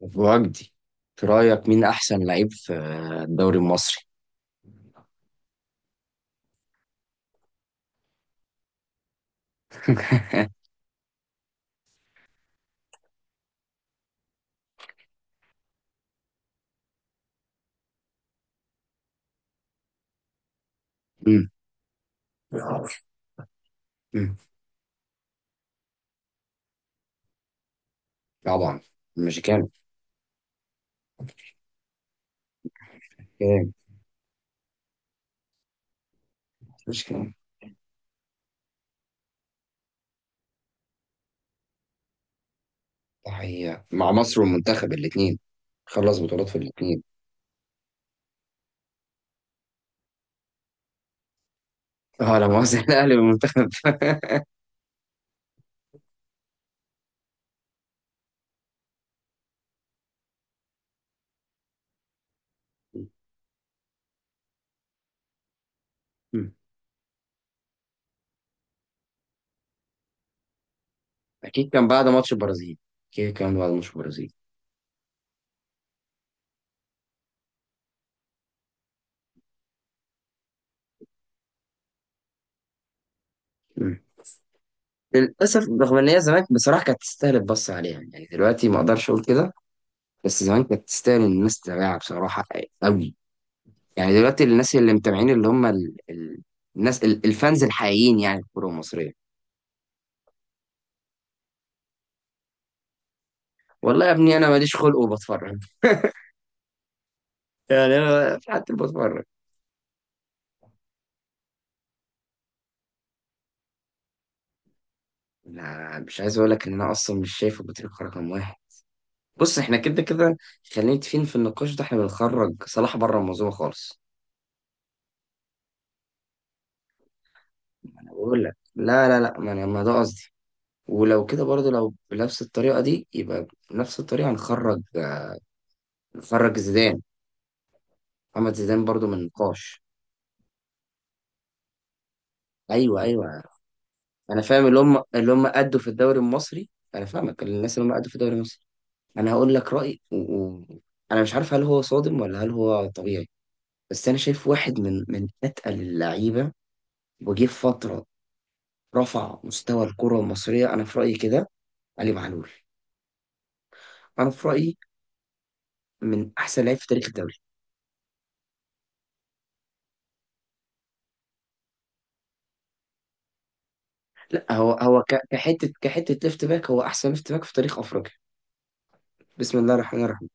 وجدي، في رأيك مين أحسن لعيب في الدوري المصري؟ مم. مم. طبعا. المشيكان. كام مشيكان؟ تحية مع مصر والمنتخب الاثنين. خلص بطولات في الاثنين. اه، لا مؤاخذة. الأهلي والمنتخب. مم. أكيد كان بعد ماتش البرازيل. أكيد كان بعد ماتش البرازيل. مم. للأسف رغم إن هي زمان بصراحة كانت تستاهل البص عليها، يعني دلوقتي ما أقدرش أقول كده. بس زمان كانت تستاهل إن الناس تتابعها بصراحة. أوي. يعني دلوقتي الناس اللي متابعين اللي هم الناس الفانز الحقيقيين، يعني في الكوره المصريه. والله يا ابني انا ماليش خلق وبتفرج. يعني انا في حد بتفرج؟ لا، مش عايز اقول لك ان انا اصلا مش شايف ابو تريكه رقم واحد. بص، احنا كده كده خلينا متفقين، في النقاش ده احنا بنخرج صلاح بره الموضوع خالص. انا بقول لك لا، ما انا ما ده قصدي. ولو كده برضه، لو بنفس الطريقه دي، يبقى بنفس الطريقه نخرج زيدان، محمد زيدان برضه من النقاش. ايوه ايوه، انا فاهم اللي هم ادوا في الدوري المصري. انا فاهمك، الناس اللي هم ادوا في الدوري المصري. انا هقول لك رايي انا مش عارف هل هو صادم ولا هل هو طبيعي. بس انا شايف واحد من اتقل اللعيبه، وجه في فتره رفع مستوى الكره المصريه، انا في رايي كده. علي معلول، انا في رايي من احسن لعيب في تاريخ الدوري. لا، هو كحته، ليفت باك، هو احسن ليفت باك في تاريخ افريقيا. بسم الله الرحمن الرحيم.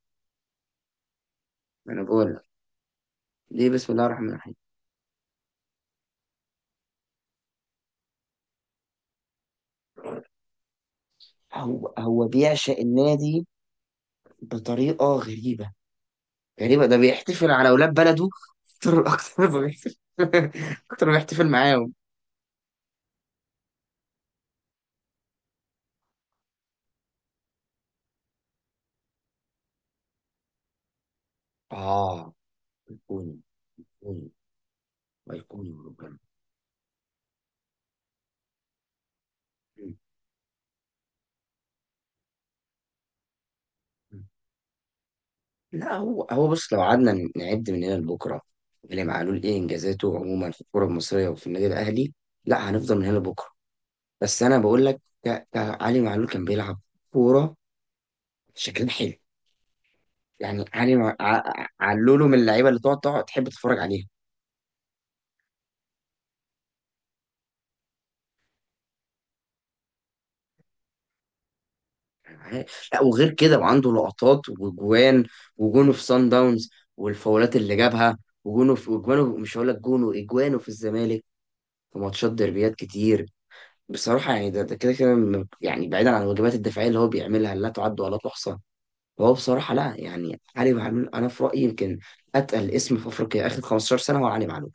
انا بقول لك ليه بسم الله الرحمن الرحيم. هو بيعشق النادي بطريقه غريبه، غريبة. ده بيحتفل على أولاد بلده أكتر، أكتر ما بيحتفل أكتر ما بيحتفل معاهم. آه، أيقوني. أيقوني. أيقوني بجد. لا، هو بص، لو قعدنا نعد من هنا لبكرة إمام معلول إيه إنجازاته عموما في الكرة المصرية وفي النادي الأهلي، لا هنفضل من هنا لبكرة. بس أنا بقول لك، علي معلول كان بيلعب كورة شكلها حلو. يعني علي مع... ع- ع- علوله من اللعيبة اللي تقعد تحب تتفرج عليها. لا، وغير كده وعنده لقطات وجوان، وجونه في سان داونز، والفاولات اللي جابها، وجونه في مش هقول لك جونه، اجوانه في الزمالك في ماتشات ديربيات كتير. بصراحه يعني ده كده كده يعني بعيدا عن الواجبات الدفاعيه اللي هو بيعملها لا تعد ولا تحصى. هو بصراحه لا، يعني علي معلول انا في رايي يمكن اتقل اسم في افريقيا اخر 15 سنه هو علي معلول،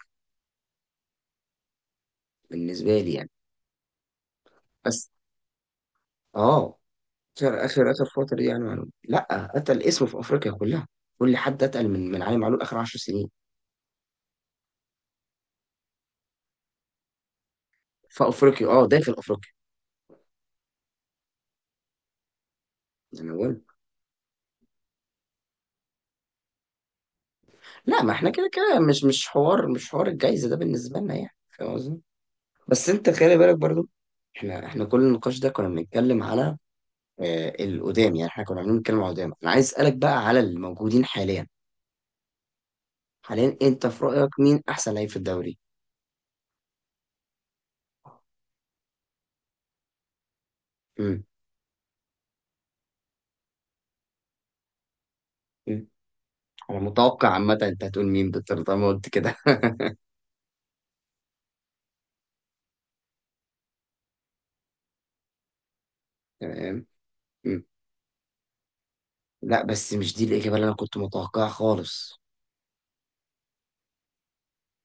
بالنسبه لي يعني. بس اه، اخر اخر فتره دي يعني معلول لا اتقل اسم في افريقيا كلها. كل حد اتقل من علي معلول اخر 10 سنين. في افريقيا، اه داخل افريقيا. زي ما بقول، لا ما احنا كده كده مش حوار، مش حوار الجايزه ده بالنسبه لنا، يعني فاهم قصدي. بس انت خلي بالك برضو، احنا، كل النقاش ده كنا بنتكلم على آه القدام. يعني احنا كنا عاملين بنتكلم على القدام، انا عايز اسالك بقى على الموجودين حاليا. حاليا انت في رايك مين احسن لعيب في الدوري؟ امم. أمم. انا متوقع عامه انت هتقول مين بالطريقه ما قلت كده. تمام. أمم. لا بس مش دي الاجابه اللي انا كنت متوقعها خالص.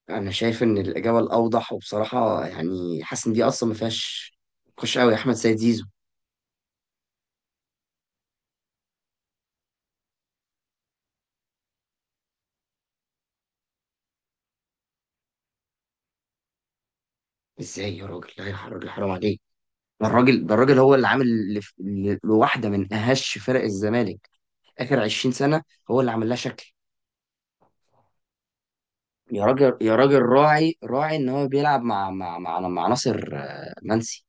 انا شايف ان الاجابه الاوضح، وبصراحه يعني حاسس ان دي اصلا ما فيهاش خش قوي، احمد سيد زيزو. ازاي يا راجل؟ لا يا راجل حرام عليك. ده الراجل، هو اللي عامل لواحده من اهش فرق الزمالك اخر 20 سنه. هو اللي عامل لها شكل. يا راجل، يا راجل، راعي، راعي ان هو بيلعب مع مع ناصر آه، منسي.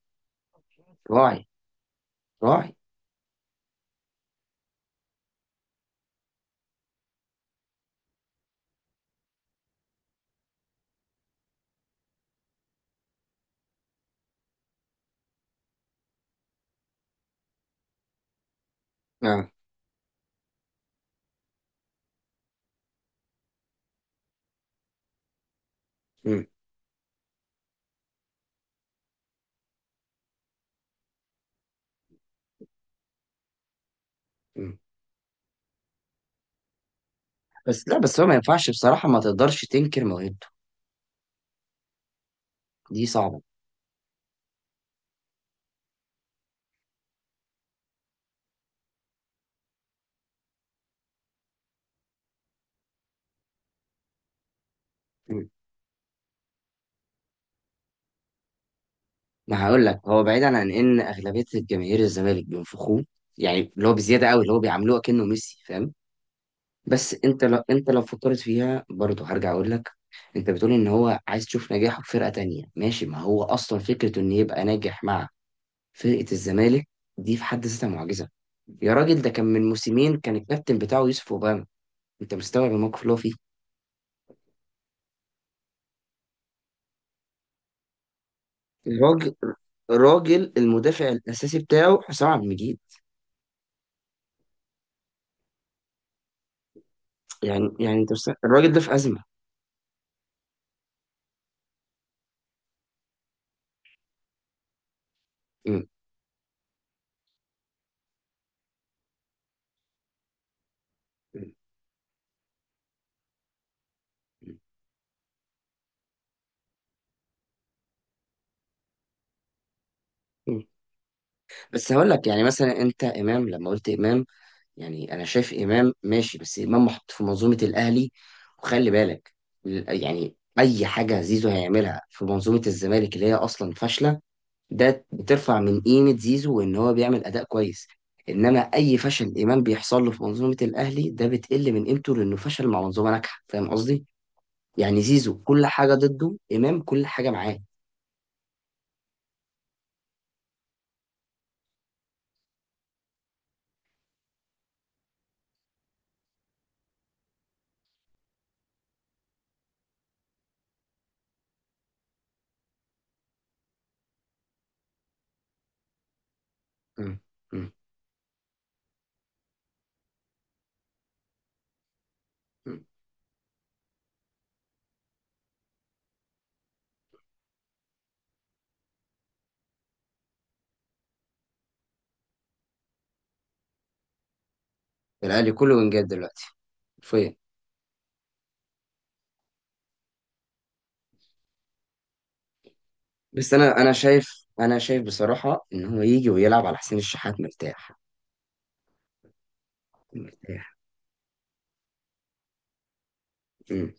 راعي. راعي. اه. مم. مم. بس لا، بس هو ما ينفعش بصراحه، ما تقدرش تنكر موهبته. دي صعبه. ما هقول لك، هو بعيدا عن ان اغلبيه الجماهير الزمالك بينفخوه، يعني اللي هو بزياده قوي، اللي هو بيعاملوه كأنه ميسي، فاهم. بس انت لو، انت لو فكرت فيها برضه، هرجع اقول لك، انت بتقول ان هو عايز تشوف نجاحه في فرقه تانية. ماشي، ما هو اصلا فكره ان يبقى ناجح مع فرقه الزمالك دي في حد ذاتها معجزه. يا راجل، ده كان من موسمين كان الكابتن بتاعه يوسف اوباما. انت مستوعب الموقف اللي هو فيه؟ الراجل، المدافع الاساسي بتاعه حسام عبد المجيد. يعني انت الراجل ده في ازمه. مم. بس هقول لك، يعني مثلا انت امام، لما قلت امام، يعني انا شايف امام ماشي، بس امام محط في منظومه الاهلي. وخلي بالك، يعني اي حاجه زيزو هيعملها في منظومه الزمالك اللي هي اصلا فاشله، ده بترفع من قيمه زيزو وان هو بيعمل اداء كويس. انما اي فشل امام بيحصل له في منظومه الاهلي، ده بتقل من قيمته، لانه فشل مع منظومه ناجحه، فاهم قصدي؟ يعني زيزو كل حاجه ضده، امام كل حاجه معاه. مم. مم. مم. الاهلي كله انجاز دلوقتي، حرفيا. بس انا شايف، شايف بصراحه ان هو يجي ويلعب على حسين الشحات مرتاح. مرتاح. مم.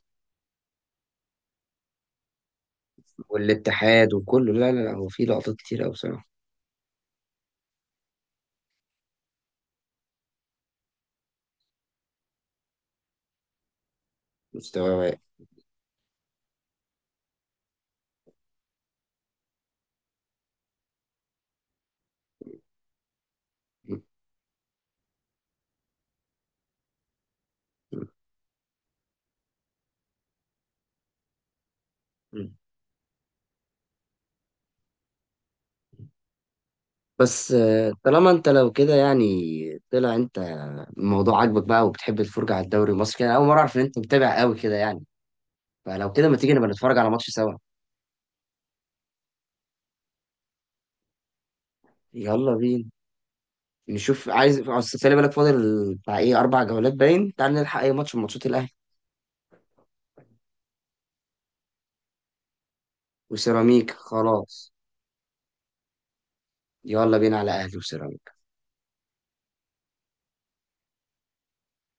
والاتحاد وكله، لا، هو في لقطات كتير قوي بصراحه. مستواه واقع. مم. مم. بس آه، طالما انت لو كده يعني، طلع انت الموضوع عاجبك بقى وبتحب الفرجه على الدوري المصري كده. أنا اول مره اعرف ان انت متابع قوي كده يعني. فلو كده ما تيجي نبقى نتفرج على ماتش سوا. يلا بينا نشوف، عايز أصل خلي بالك فاضل بتاع ايه اربع جولات باين، تعال نلحق اي ماتش من ماتشات الاهلي. وسيراميك، خلاص. يلا بينا على أهلي وسلام.